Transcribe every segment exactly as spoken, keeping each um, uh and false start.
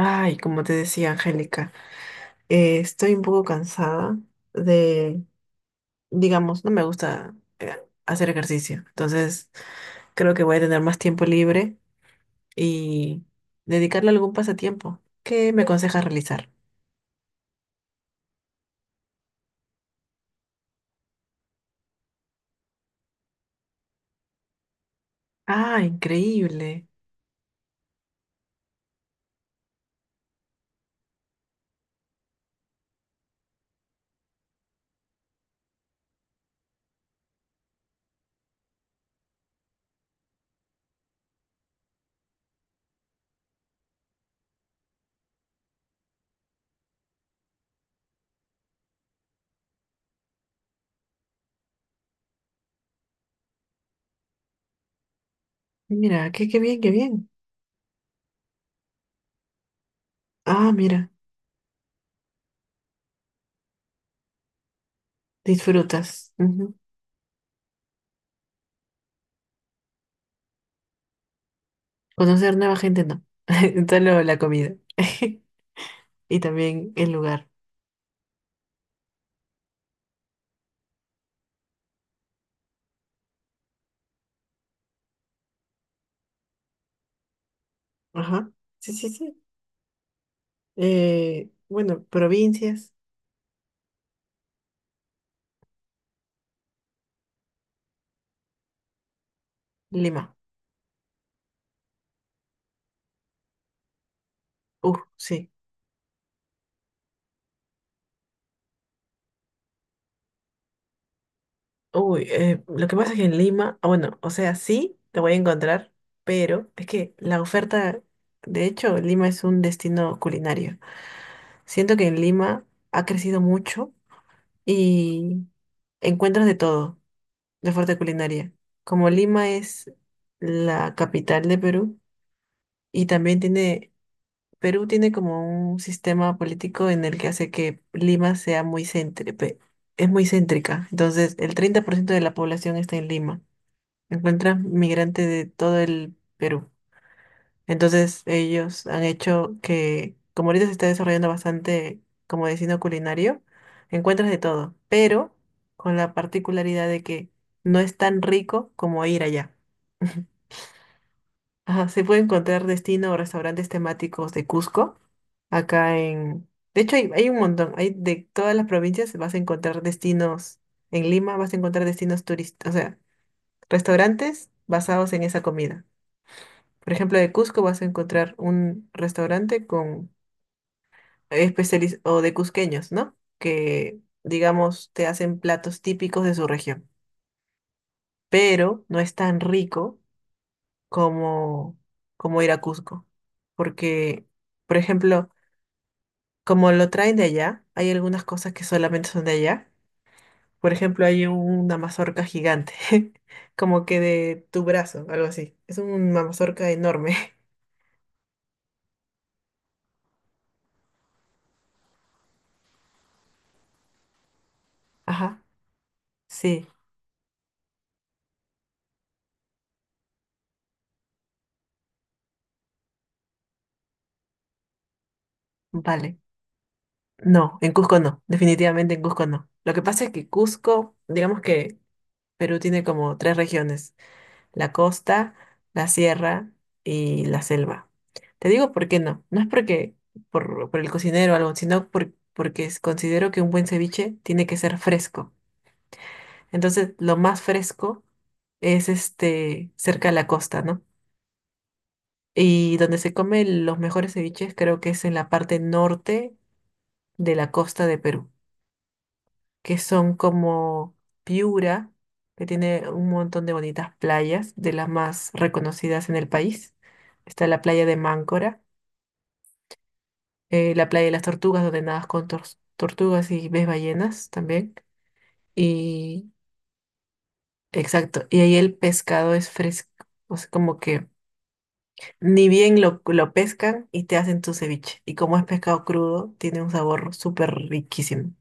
Ay, como te decía, Angélica, eh, estoy un poco cansada de, digamos, no me gusta eh, hacer ejercicio. Entonces, creo que voy a tener más tiempo libre y dedicarle a algún pasatiempo. ¿Qué me aconsejas realizar? Ah, increíble. Mira, qué, qué bien, qué bien. Ah, mira, disfrutas. Ujú. Conocer nueva gente, no. Solo la comida. Y también el lugar. Ajá. Sí, sí, sí. Eh, bueno, provincias. Lima. Uh, sí. Uy, eh, lo que pasa es que en Lima, ah, bueno, o sea, sí, te voy a encontrar, pero es que la oferta, de hecho, Lima es un destino culinario. Siento que en Lima ha crecido mucho y encuentras de todo, de oferta culinaria. Como Lima es la capital de Perú y también tiene Perú tiene como un sistema político en el que hace que Lima sea muy céntrica, es muy céntrica. Entonces, el treinta por ciento de la población está en Lima. Encuentra migrantes de todo el Perú. Entonces, ellos han hecho que, como ahorita se está desarrollando bastante como destino culinario, encuentras de todo, pero con la particularidad de que no es tan rico como ir allá. Ajá, se puede encontrar destino o restaurantes temáticos de Cusco acá en... De hecho, hay, hay un montón. Hay de todas las provincias vas a encontrar destinos. En Lima vas a encontrar destinos turísticos, o sea, restaurantes basados en esa comida. Por ejemplo, de Cusco vas a encontrar un restaurante con especialistas o de cusqueños, ¿no? Que, digamos, te hacen platos típicos de su región. Pero no es tan rico como, como ir a Cusco. Porque, por ejemplo, como lo traen de allá, hay algunas cosas que solamente son de allá. Por ejemplo, hay una mazorca gigante, como que de tu brazo, algo así. Es una mazorca enorme. Ajá, sí, vale. No, en Cusco no, definitivamente en Cusco no. Lo que pasa es que Cusco, digamos que Perú tiene como tres regiones, la costa, la sierra y la selva. Te digo por qué no, no es porque por, por el cocinero o algo, sino por- porque es- considero que un buen ceviche tiene que ser fresco. Entonces, lo más fresco es este cerca de la costa, ¿no? Y donde se comen los mejores ceviches creo que es en la parte norte de la costa de Perú, que son como Piura, que tiene un montón de bonitas playas, de las más reconocidas en el país. Está la playa de Máncora, eh, la playa de las tortugas, donde nadas con tor- tortugas y ves ballenas también. Y exacto, y ahí el pescado es fresco, o sea, como que ni bien lo, lo pescan y te hacen tu ceviche. Y como es pescado crudo, tiene un sabor súper riquísimo.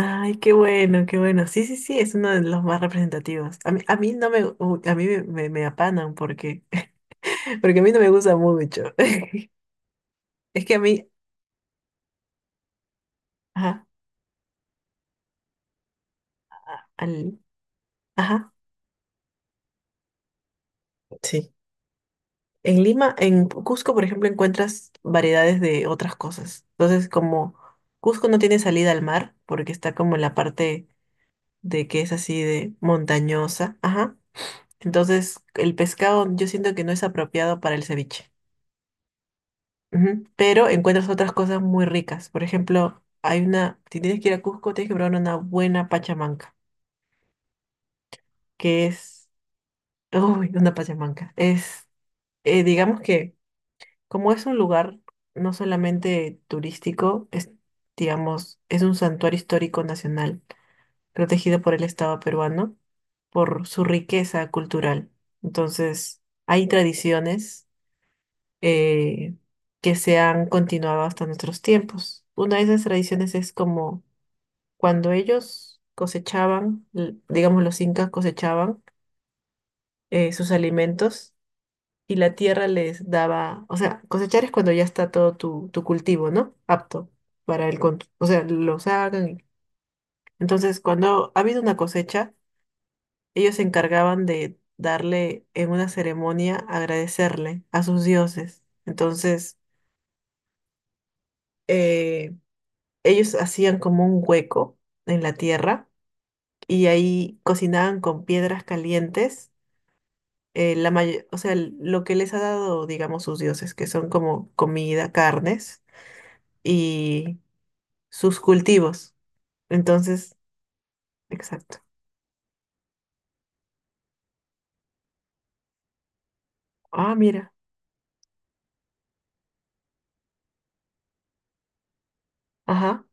Ay, qué bueno, qué bueno. Sí, sí, sí, es uno de los más representativos. A mí, a mí no me, gu- a mí me, me, me apanan porque, porque a mí no me gusta mucho. Es que a mí, ajá, a- al- ajá, sí. En Lima, en Cusco, por ejemplo, encuentras variedades de otras cosas. Entonces, como Cusco no tiene salida al mar porque está como en la parte de que es así de montañosa. Ajá. Entonces, el pescado yo siento que no es apropiado para el ceviche. Ujú. Pero encuentras otras cosas muy ricas. Por ejemplo, hay una, si tienes que ir a Cusco, tienes que probar una buena pachamanca, que es, uy, una pachamanca. Es, eh, digamos que, como es un lugar no solamente turístico, es, digamos, es un santuario histórico nacional protegido por el Estado peruano por su riqueza cultural. Entonces, hay tradiciones eh, que se han continuado hasta nuestros tiempos. Una de esas tradiciones es como cuando ellos cosechaban, l- digamos los incas cosechaban eh, sus alimentos y la tierra les daba, o sea, cosechar es cuando ya está todo tu, tu cultivo, ¿no? Apto para el, con- o sea, lo sacan. Entonces, cuando ha habido una cosecha, ellos se encargaban de darle en una ceremonia, agradecerle a sus dioses. Entonces, eh, ellos hacían como un hueco en la tierra y ahí cocinaban con piedras calientes. eh, la may- o sea, l- lo que les ha dado, digamos, sus dioses, que son como comida, carnes y sus cultivos. Entonces, exacto. Ah, mira. Ajá,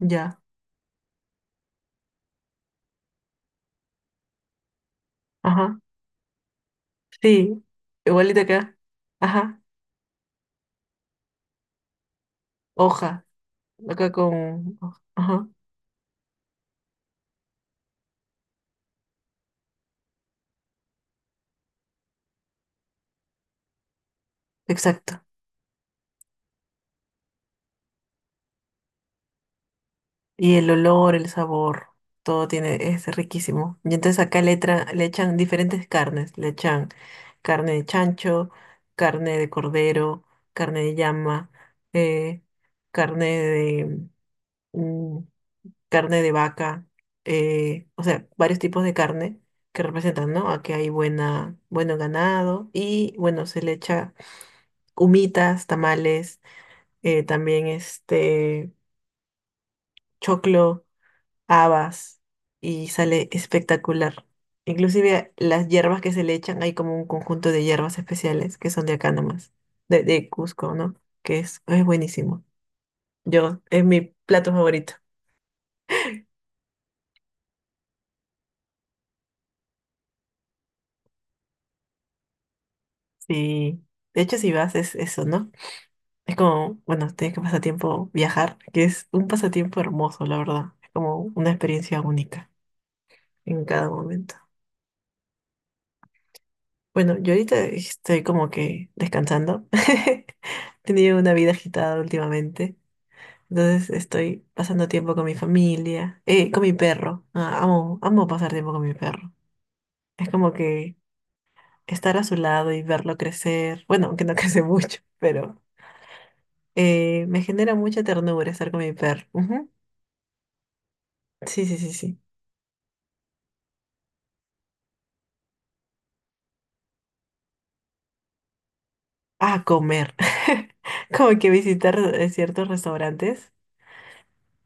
ya. Ajá. Sí, igualito acá. Ajá, hoja. Acá con... Ajá, exacto. Y el olor, el sabor, todo tiene, es riquísimo. Y entonces acá le, tra- le echan diferentes carnes. Le echan carne de chancho, carne de cordero, carne de llama, eh, carne de... mm, carne de vaca. Eh, o sea, varios tipos de carne que representan, ¿no? Aquí hay buena, bueno ganado y, bueno, se le echa humitas, tamales, eh, también este... choclo, habas y sale espectacular. Inclusive las hierbas que se le echan, hay como un conjunto de hierbas especiales que son de acá nomás, de, de Cusco, ¿no? Que es, es buenísimo. Yo, es mi plato favorito. Sí. De hecho, si vas, es eso, ¿no? Es como, bueno, tienes que pasar tiempo viajar, que es un pasatiempo hermoso, la verdad. Es como una experiencia única en cada momento. Bueno, yo ahorita estoy como que descansando. He tenido una vida agitada últimamente. Entonces estoy pasando tiempo con mi familia, eh, con mi perro. Ah, amo, amo pasar tiempo con mi perro. Es como que estar a su lado y verlo crecer. Bueno, aunque no crece mucho, pero eh, me genera mucha ternura estar con mi perro. Ujú. Sí, sí, sí, sí. A comer. Como que visitar eh, ciertos restaurantes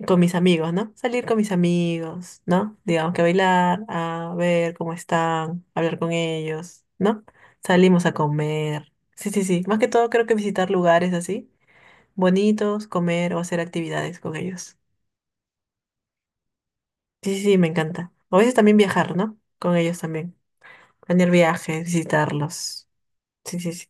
con mis amigos, ¿no? Salir con mis amigos, ¿no? Digamos que a bailar, a ver cómo están, hablar con ellos, ¿no? Salimos a comer. Sí, sí, sí. Más que todo creo que visitar lugares así, bonitos, comer o hacer actividades con ellos. Sí, sí, sí, me encanta. O a veces también viajar, ¿no? Con ellos también. Planear viajes, visitarlos. Sí, sí, sí.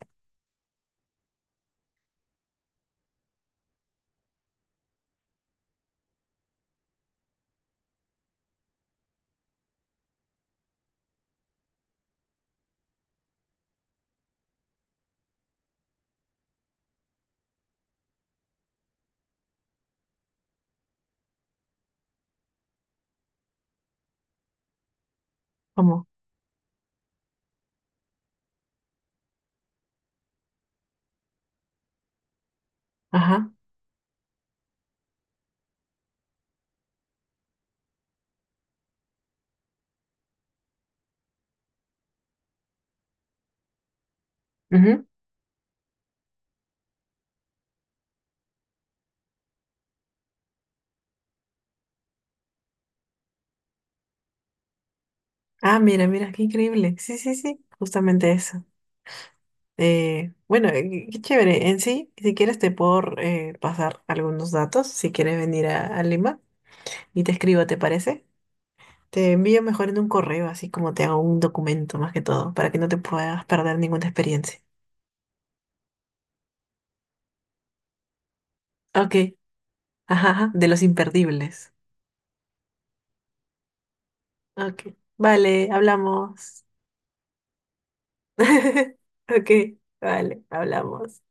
¿Cómo? Ajá. Ujú. Ah, mira, mira, qué increíble. Sí, sí, sí. Justamente eso. Eh, bueno, eh, Qué chévere. En sí, si quieres te puedo eh, pasar algunos datos, si quieres venir a, a Lima y te escribo, ¿te parece? Te envío mejor en un correo, así como te hago un documento más que todo, para que no te puedas perder ninguna experiencia. Ok, ajá, ajá, de los imperdibles. Ok, vale, hablamos. Ok, vale, hablamos.